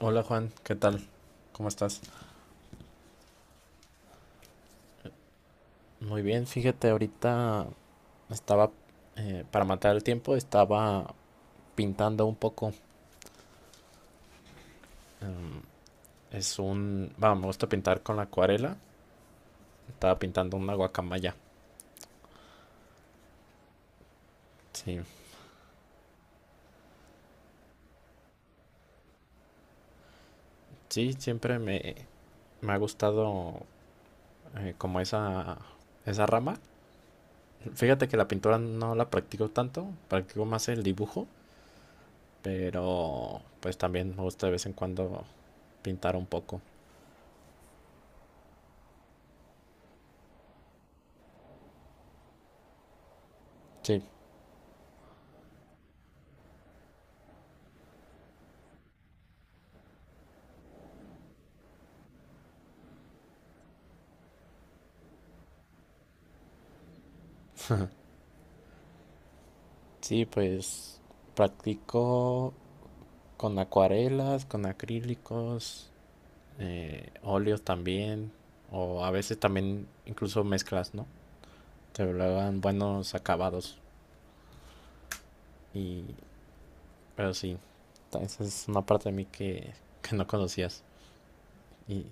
Hola Juan, ¿qué tal? ¿Cómo estás? Muy bien, fíjate, ahorita estaba, para matar el tiempo, estaba pintando un poco. Es un, vamos, me gusta pintar con la acuarela. Estaba pintando una guacamaya. Sí, sí, siempre me, me ha gustado como esa rama. Fíjate que la pintura no la practico tanto, practico más el dibujo, pero pues también me gusta de vez en cuando pintar un poco. Sí. Sí, pues practico con acuarelas, con acrílicos, óleos también, o a veces también incluso mezclas, ¿no? Te logran buenos acabados. Y, pero sí, esa es una parte de mí que no conocías y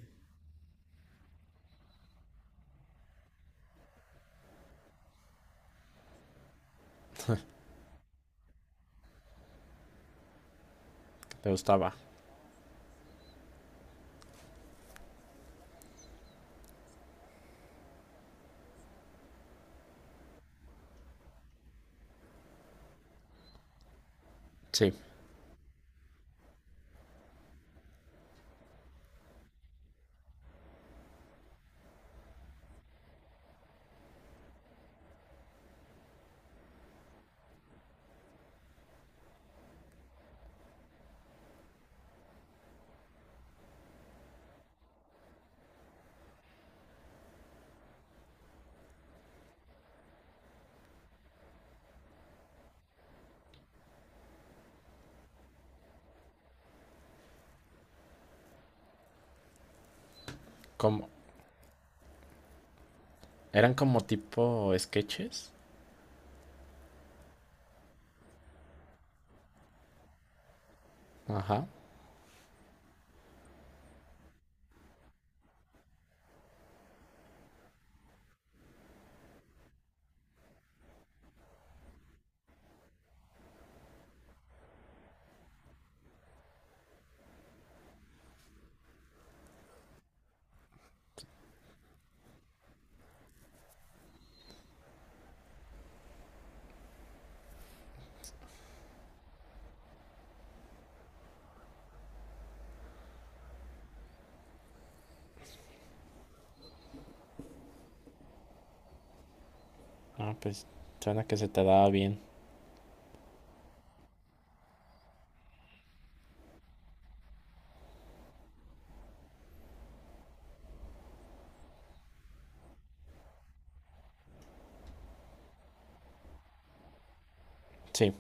que te gustaba. Sí, como, eran como tipo sketches. Ajá. Ah, pues suena que se te daba bien. Sí.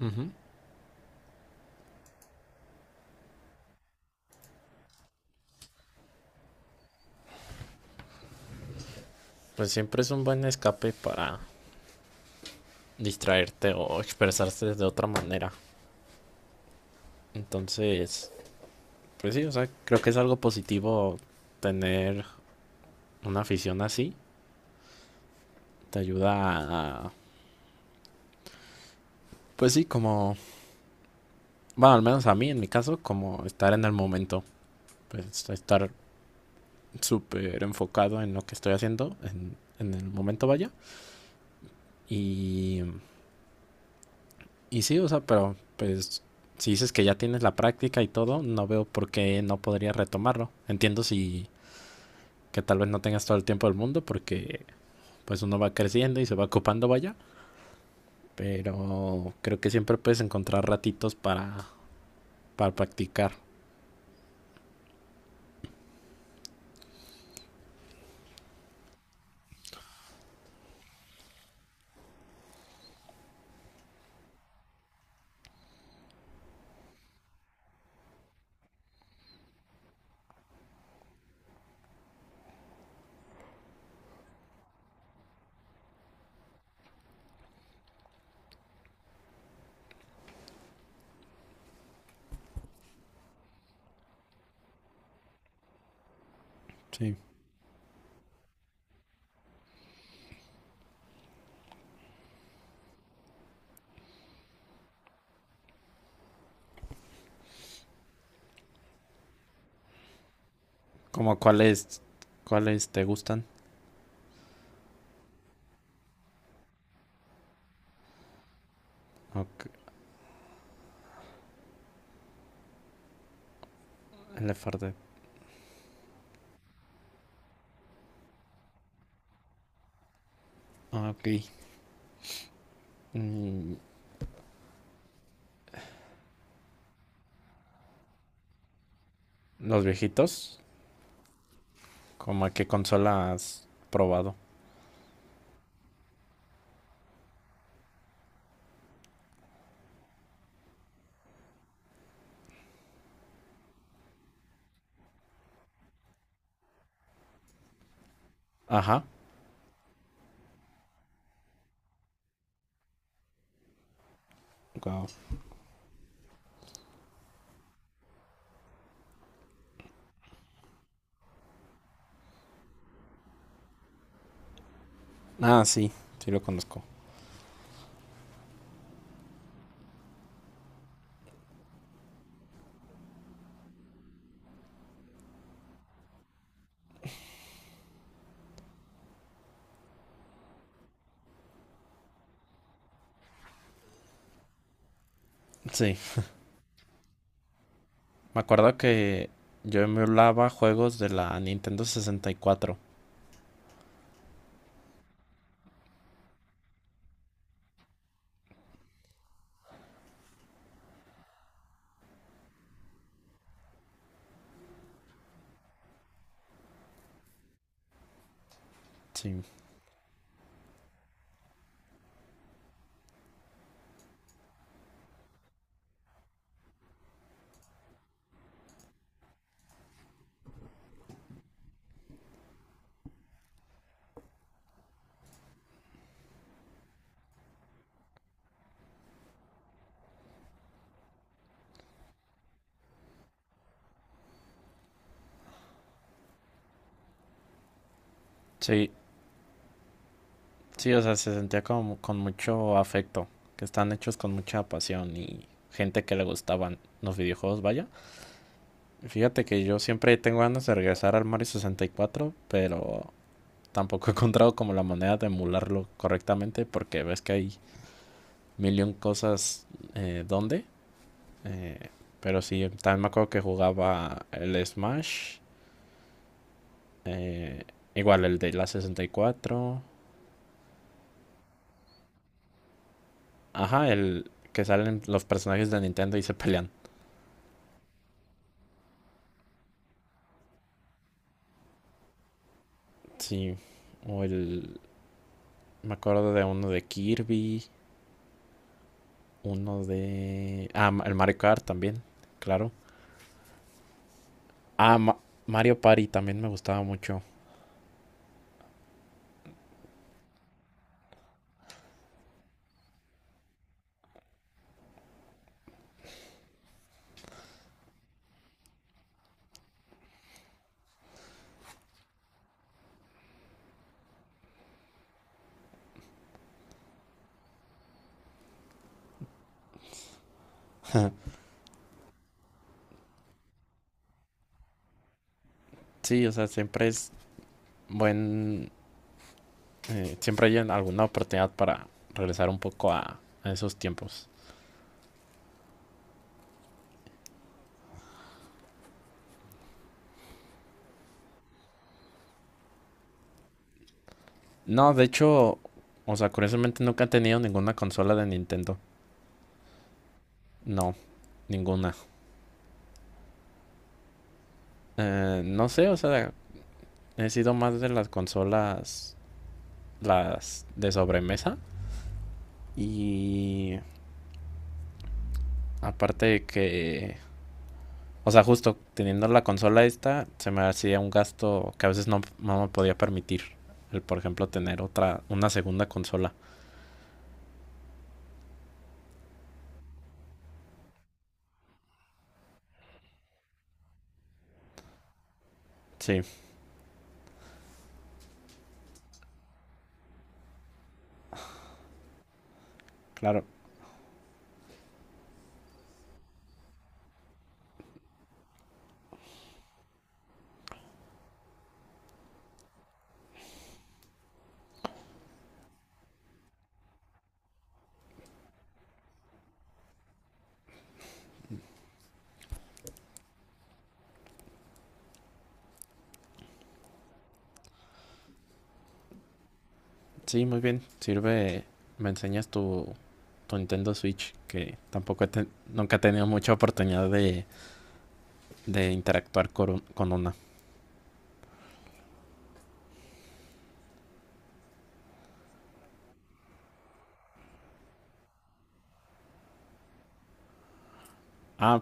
Ujú. Pues siempre es un buen escape para distraerte o expresarse de otra manera. Entonces, pues sí, o sea, creo que es algo positivo tener una afición así. Te ayuda a, pues sí, como, bueno, al menos a mí en mi caso, como estar en el momento, pues estar súper enfocado en lo que estoy haciendo, en el momento vaya. Y, y sí, o sea, pero pues si dices que ya tienes la práctica y todo, no veo por qué no podría retomarlo. Entiendo si que tal vez no tengas todo el tiempo del mundo porque pues uno va creciendo y se va ocupando vaya, pero creo que siempre puedes encontrar ratitos para practicar. Sí. Como cuáles, cuáles te gustan. Okay. El FRD. Ok. Mm, los viejitos. Como a qué consola has probado. Ajá. Wow. Ah, sí. Sí lo conozco. Sí. Me acuerdo que yo emulaba juegos de la Nintendo 64. Sí. Sí. Sí, o sea, se sentía como con mucho afecto, que están hechos con mucha pasión y gente que le gustaban los videojuegos, vaya. Fíjate que yo siempre tengo ganas de regresar al Mario 64, pero tampoco he encontrado como la manera de emularlo correctamente porque ves que hay millón cosas donde. Eh, pero sí, también me acuerdo que jugaba el Smash, eh, igual el de la 64. Ajá, el que salen los personajes de Nintendo y se pelean. Sí. O el. Me acuerdo de uno de Kirby. Uno de. Ah, el Mario Kart también. Claro. Ah, Mario Party también me gustaba mucho. Sí, o sea, siempre es buen. Siempre hay alguna oportunidad para regresar un poco a esos tiempos. No, de hecho, o sea, curiosamente nunca he tenido ninguna consola de Nintendo. No, ninguna. No sé, o sea, he sido más de las consolas, las de sobremesa. Y aparte de que, o sea, justo teniendo la consola esta, se me hacía un gasto que a veces no, no me podía permitir. El, por ejemplo, tener otra, una segunda consola. Sí, claro. Sí, muy bien. Sirve, me enseñas tu, tu Nintendo Switch, que tampoco nunca he tenido mucha oportunidad de interactuar con, con una. Ah,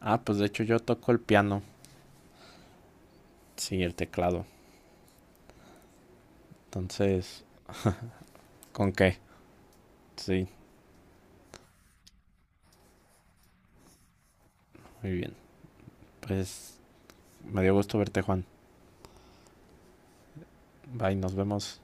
ah, pues de hecho yo toco el piano, sí, el teclado. Entonces, ¿con qué? Sí, muy bien. Pues me dio gusto verte, Juan. Bye, nos vemos.